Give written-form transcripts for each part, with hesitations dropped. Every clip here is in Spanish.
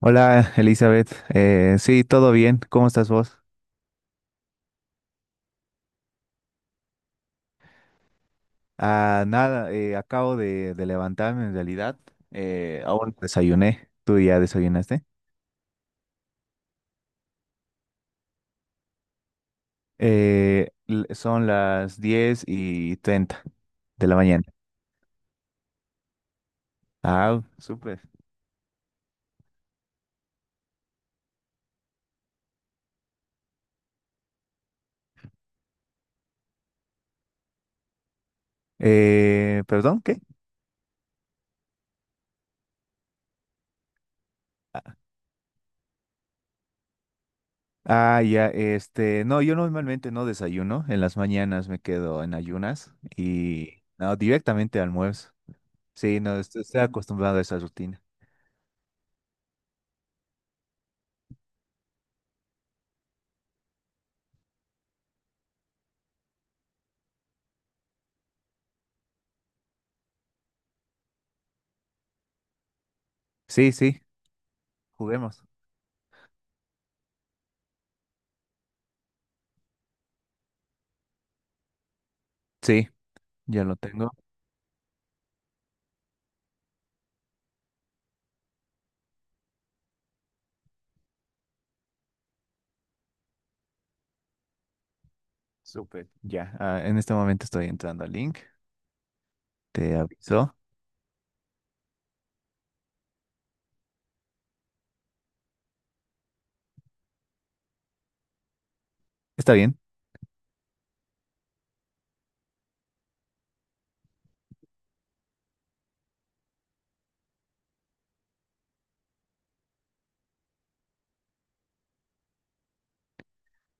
Hola Elizabeth, sí, todo bien, ¿cómo estás vos? Ah, nada, acabo de levantarme en realidad. Aún no desayuné, ¿tú ya desayunaste? Son las 10:30 de la mañana. Ah, súper. ¿Perdón? ¿Qué? Ah, ah, ya, este, no, yo normalmente no desayuno, en las mañanas me quedo en ayunas y no, directamente almuerzo. Sí, no, estoy acostumbrado a esa rutina. Sí, sí, juguemos. Sí. Ya lo tengo. Súper. Ya, ah, en este momento estoy entrando al link. Te aviso. Está bien.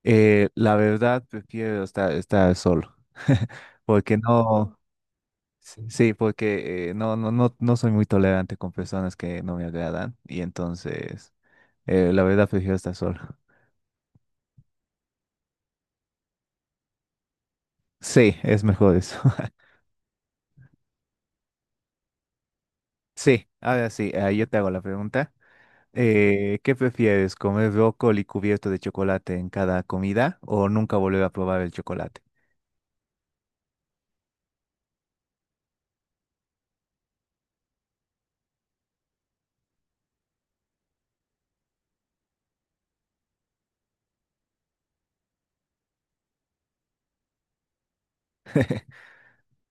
La verdad, prefiero estar solo. Porque no. Sí, sí, porque no, no, no, no soy muy tolerante con personas que no me agradan. Y entonces, la verdad, prefiero estar solo. Sí, es mejor eso. Sí, ahora sí, ah, yo te hago la pregunta. ¿Qué prefieres, comer brócoli cubierto de chocolate en cada comida o nunca volver a probar el chocolate?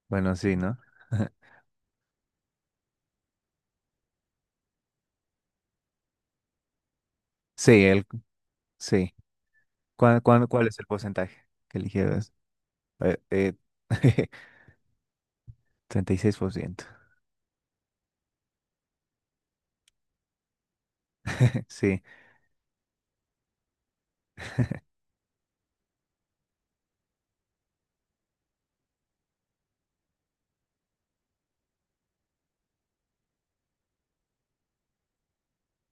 Bueno, sí, ¿no? Sí, él, sí. ¿Cuál es el porcentaje que eligieras? Eh, eh, 36%. Sí.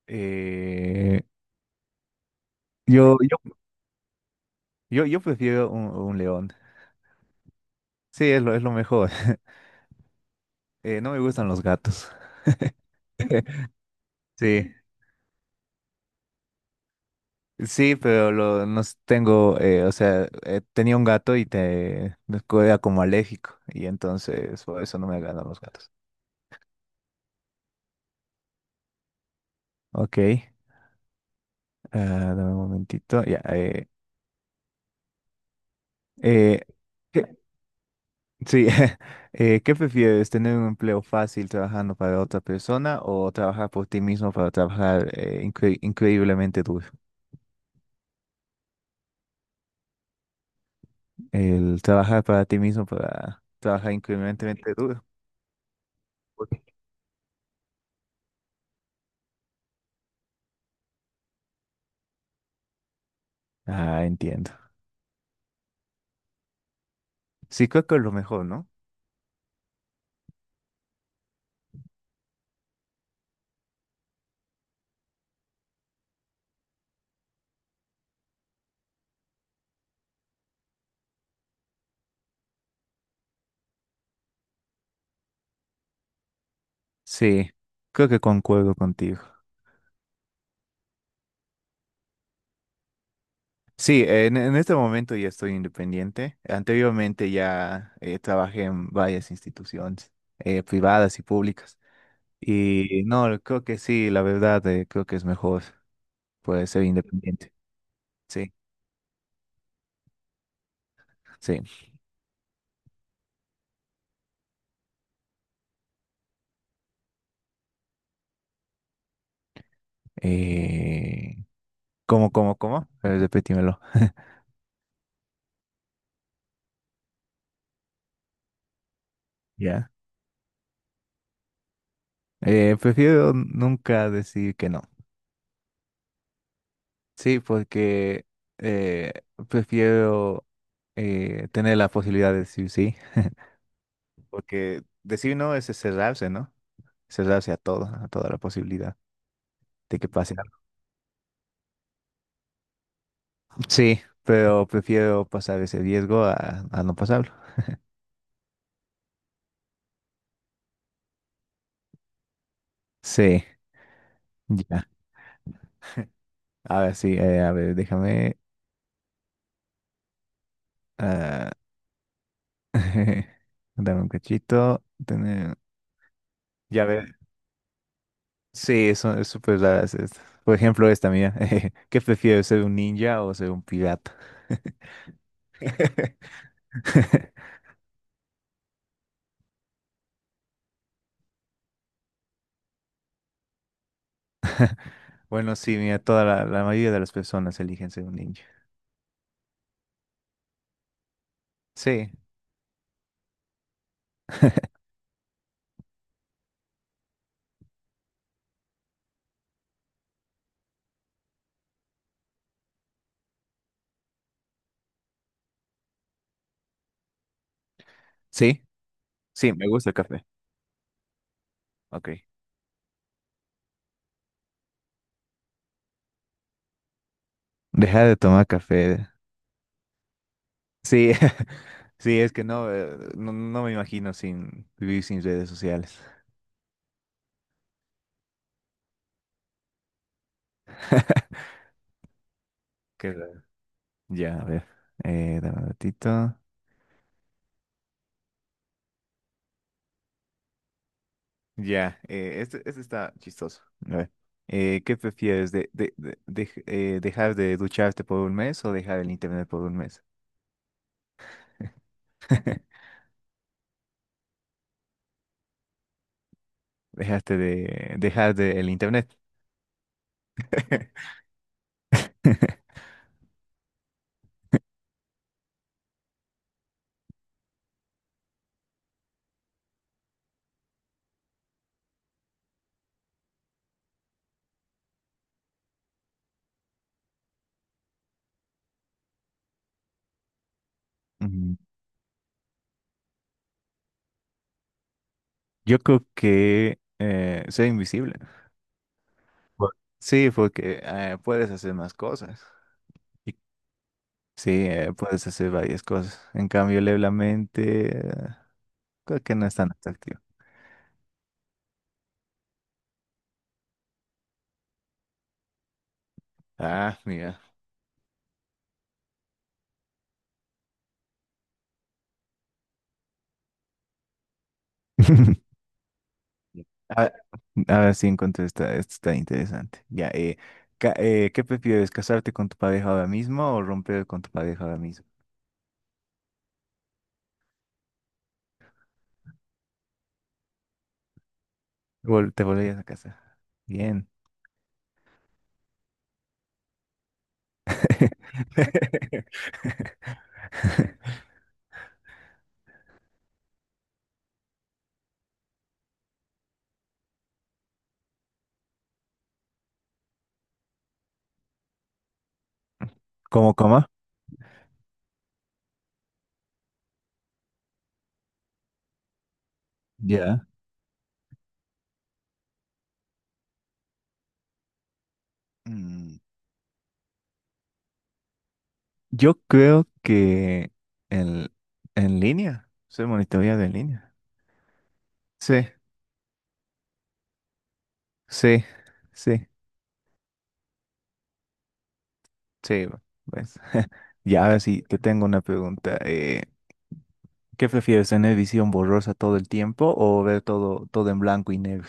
Eh, yo, yo, yo prefiero un león. Sí, es lo mejor. No me gustan los gatos. Sí, sí, pero nos tengo, o sea, tenía un gato y te era como alérgico y entonces por eso no me agradan los gatos. Ok, ah, dame un momentito. Ya, eh, ¿qué, sí, ¿qué prefieres? ¿Tener un empleo fácil trabajando para otra persona o trabajar por ti mismo para trabajar increíblemente duro? El trabajar para ti mismo para trabajar increíblemente duro. Ah, entiendo. Sí, creo que es lo mejor, ¿no? Sí, creo que concuerdo contigo. Sí, en este momento ya estoy independiente. Anteriormente ya trabajé en varias instituciones privadas y públicas. Y no, creo que sí, la verdad, creo que es mejor. Puede ser independiente. Sí, sí. Eh, ¿cómo? Repítimelo. Ya. Prefiero nunca decir que no. Sí, porque eh, prefiero tener la posibilidad de decir sí. Porque decir no es cerrarse, ¿no? Cerrarse a todo, a toda la posibilidad de que pase algo. Sí, pero prefiero pasar ese riesgo a no pasarlo. Sí, ya. A ver, sí, a ver, déjame. Ah, dame un cachito. Ya ver. Sí, eso es súper raras. Por ejemplo, esta mía. ¿Qué prefieres, ser un ninja o ser un pirata? Bueno, sí, mira, toda la mayoría de las personas eligen ser un ninja. Sí, sí, sí, me gusta el café. Ok. Dejar de tomar café. Sí, sí, es que no, no me imagino sin vivir sin redes sociales. Qué raro. Ya, a ver. Dame un ratito. Ya, este está chistoso. A ver, ¿qué prefieres? ¿Dejar de ducharte por un mes o dejar el internet por un mes? Dejaste de dejar de el internet. Mm, Yo creo que ser invisible. Sí, porque puedes hacer más cosas. Y- Sí, puedes hacer varias cosas. En cambio, leer la mente, creo que no es tan atractivo. Ah, mira. A, a ver si encuentro esta, está interesante. Ya, ¿qué prefieres, casarte con tu pareja ahora mismo o romper con tu pareja ahora mismo? Te volverías a casar. Bien. ¿Cómo? Ya. Mm, Yo creo que en, en línea, soy monitoreado en línea. Sí, sí, sí, sí, pues. Ya, ahora sí, te tengo una pregunta. ¿Qué prefieres, tener visión borrosa todo el tiempo o ver todo en blanco y negro?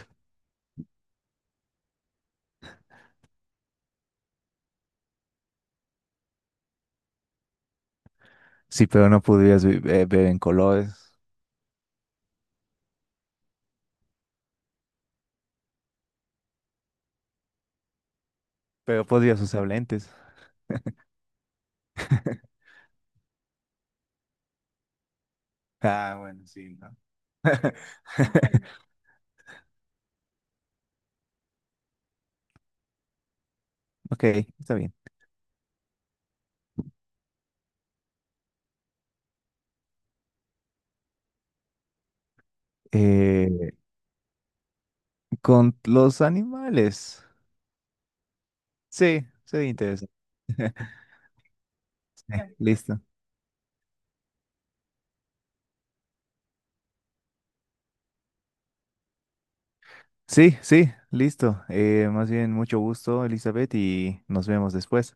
Sí, pero no podrías ver en colores, pero podrías usar lentes. Ah, bueno, sí, ¿no? Ok, está bien. Eh, con los animales. Sí, sería interesante. Listo. Sí, sí, listo. Más bien, mucho gusto, Elizabeth, y nos vemos después.